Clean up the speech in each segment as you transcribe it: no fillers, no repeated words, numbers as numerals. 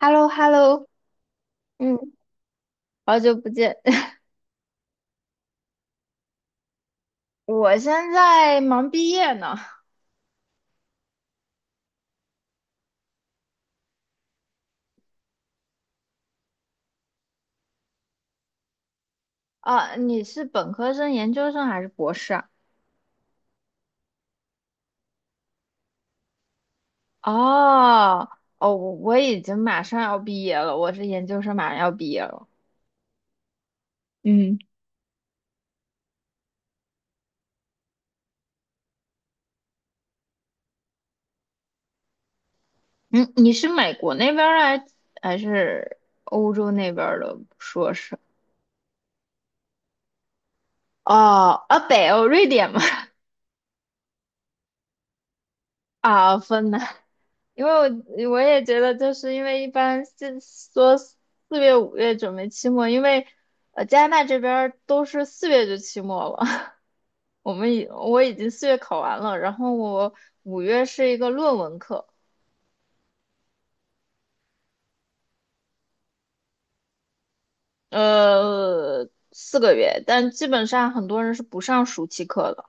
h e l l o h e l l o 嗯，好久不见。我现在忙毕业呢。啊，你是本科生、研究生还是博士啊？哦，哦，我已经马上要毕业了，我是研究生，马上要毕业了。嗯，嗯，你是美国那边儿还是欧洲那边儿的硕士？哦，啊，北欧，瑞典吗？啊，分兰，因为我也觉得，就是因为一般是说四月、五月准备期末，因为加拿大这边儿都是四月就期末了，我已经四月考完了，然后我五月是一个论文课，4个月，但基本上很多人是不上暑期课的。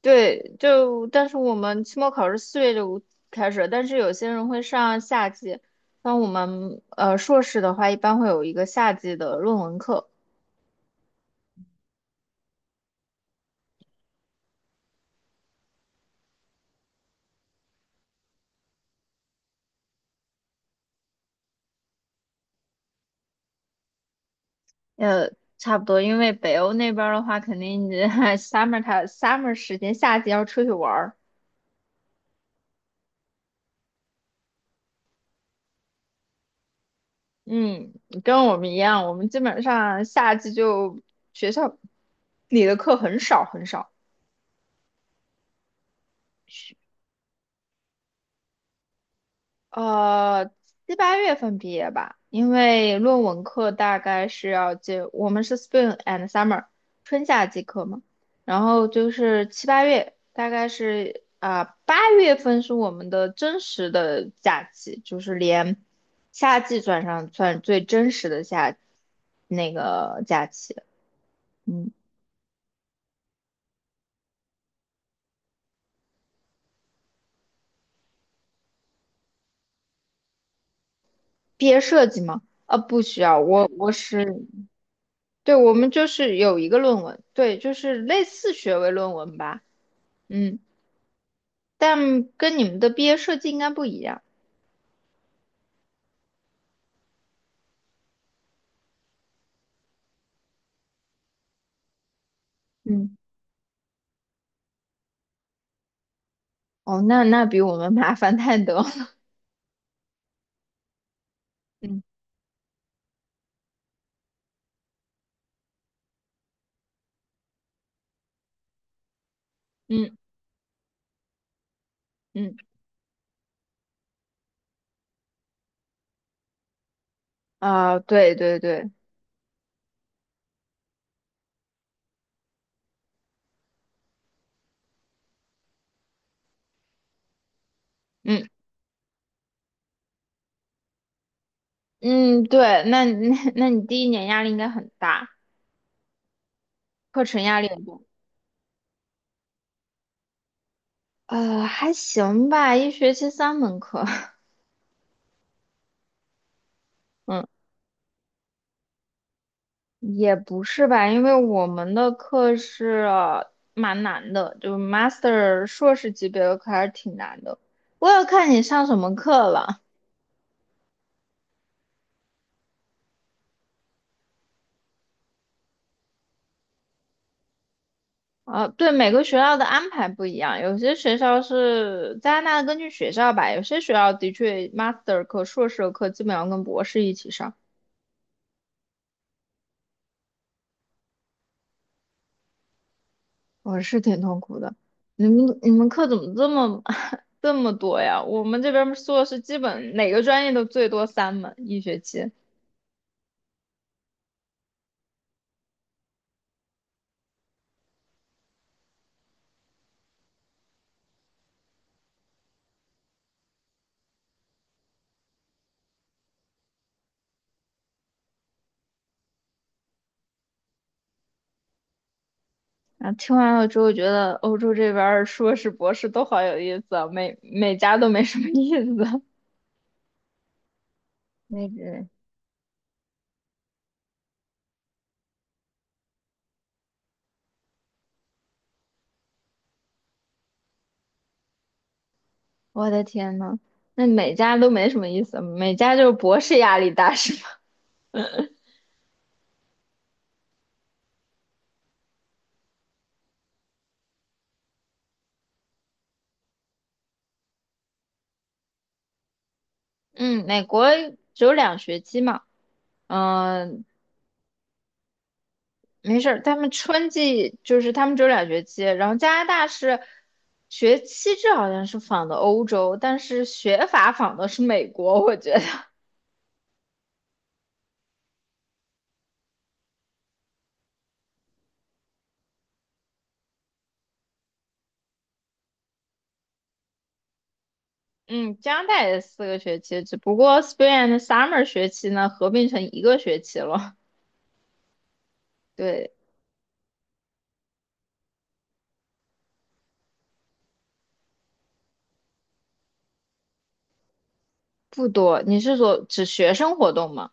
对，就但是我们期末考试四月就开始，但是有些人会上夏季，像我们硕士的话，一般会有一个夏季的论文课，呃，差不多，因为北欧那边儿的话，肯定你 summer 它 summer 时间，夏季要出去玩儿，嗯，跟我们一样，我们基本上夏季就学校里的课很少很少。呃，7、8月份毕业吧，因为论文课大概是要接，我们是 spring and summer，春夏季课嘛，然后就是七八月，大概是八月份是我们的真实的假期，就是连夏季算上算最真实的那个假期。嗯，毕业设计吗？不需要，我是，对，我们就是有一个论文，对，就是类似学位论文吧。嗯。但跟你们的毕业设计应该不一样。嗯哦，那比我们麻烦太多了 嗯，嗯嗯啊，对对对，嗯嗯对，那你第一年压力应该很大，课程压力很大。还行吧，一学期三门课，嗯，也不是吧，因为我们的课是蛮难的，就 master 硕士级别的课还是挺难的。我要看你上什么课了。啊，对，每个学校的安排不一样，有些学校是加拿大根据学校吧，有些学校的确 master 课、硕士的课基本上跟博士一起上，我是挺痛苦的。你们课怎么这么 这么多呀？我们这边硕士基本哪个专业都最多三门一学期。啊，听完了之后觉得欧洲这边儿硕士、博士都好有意思啊，每家都没什么意思。那个我的天呐，那每家都没什么意思，每家就是博士压力大 是吗？嗯，美国只有两学期嘛，嗯、没事儿，他们春季就是他们只有两学期，然后加拿大是学期制好像是仿的欧洲，但是学法仿的是美国，我觉得，嗯，加拿大也是4个学期，只不过 spring and summer 学期呢合并成一个学期了，对，不多。你是说指学生活动吗？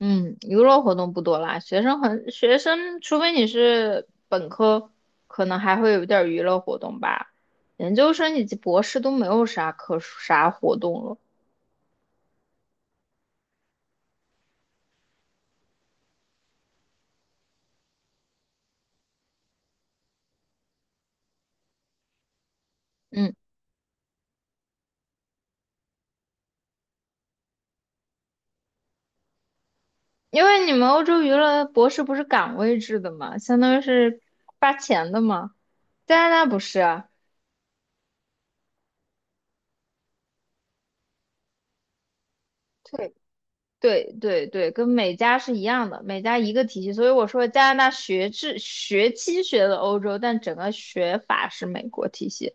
嗯，娱乐活动不多啦。学生，除非你是本科，可能还会有点儿娱乐活动吧。研究生以及博士都没有啥可啥活动了。嗯，因为你们欧洲娱乐博士不是岗位制的嘛，相当于是发钱的嘛。加拿大不是啊，对，对对对，跟美加是一样的，美加一个体系。所以我说加拿大学制学期学的欧洲，但整个学法是美国体系。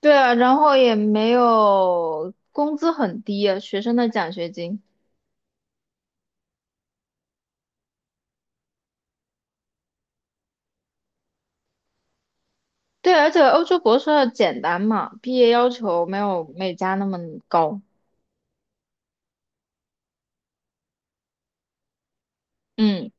对啊，然后也没有工资很低啊，学生的奖学金。对，而且欧洲博士要简单嘛，毕业要求没有美加那么高。嗯，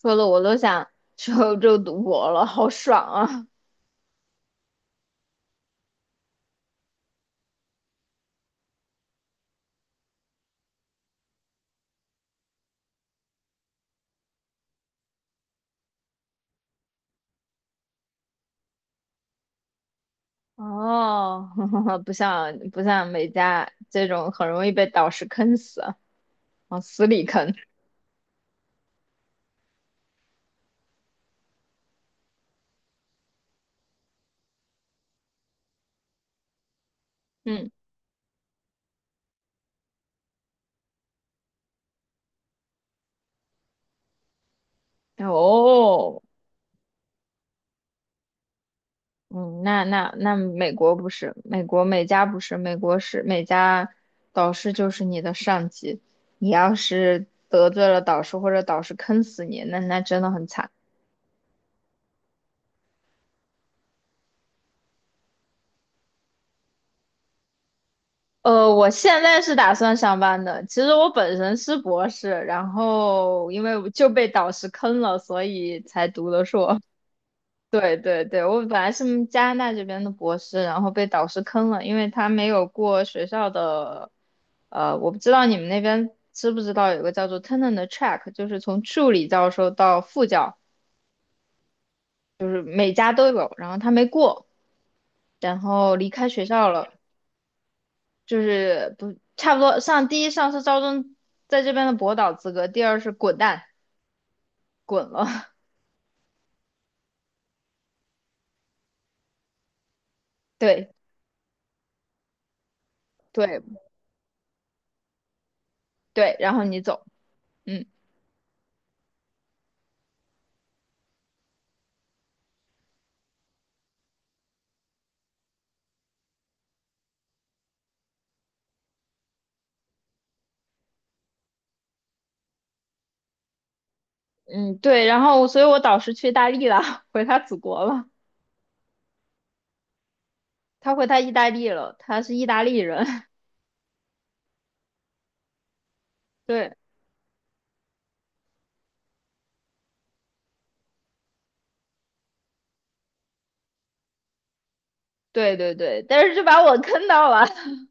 说的我都想去欧洲读博了，好爽啊！哦，不像美加这种很容易被导师坑死啊，往死里坑。嗯，哦。嗯，那那那美国不是，美国美家不是，美国是美家，导师就是你的上级，你要是得罪了导师或者导师坑死你，那真的很惨。我现在是打算上班的，其实我本身是博士，然后因为就被导师坑了，所以才读的硕。对对对，我本来是加拿大这边的博士，然后被导师坑了，因为他没有过学校的，我不知道你们那边知不知道有个叫做 tenure 的 track，就是从助理教授到副教，就是每家都有，然后他没过，然后离开学校了，就是不差不多上第一上是招生在这边的博导资格，第二是滚蛋滚了，对对对，然后你走，嗯。嗯，对，然后所以我导师去意大利了，回他祖国了，他回他意大利了，他是意大利人，对，对对对，但是就把我坑到了，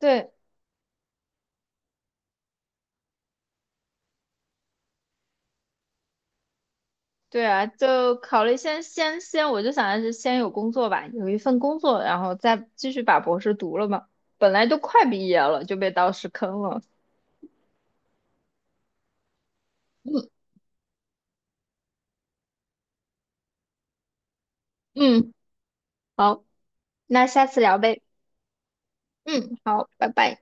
对对啊，就考虑先，我就想的是先有工作吧，有一份工作，然后再继续把博士读了嘛，本来都快毕业了，就被导师坑了，嗯嗯，好，那下次聊呗，嗯，好，拜拜。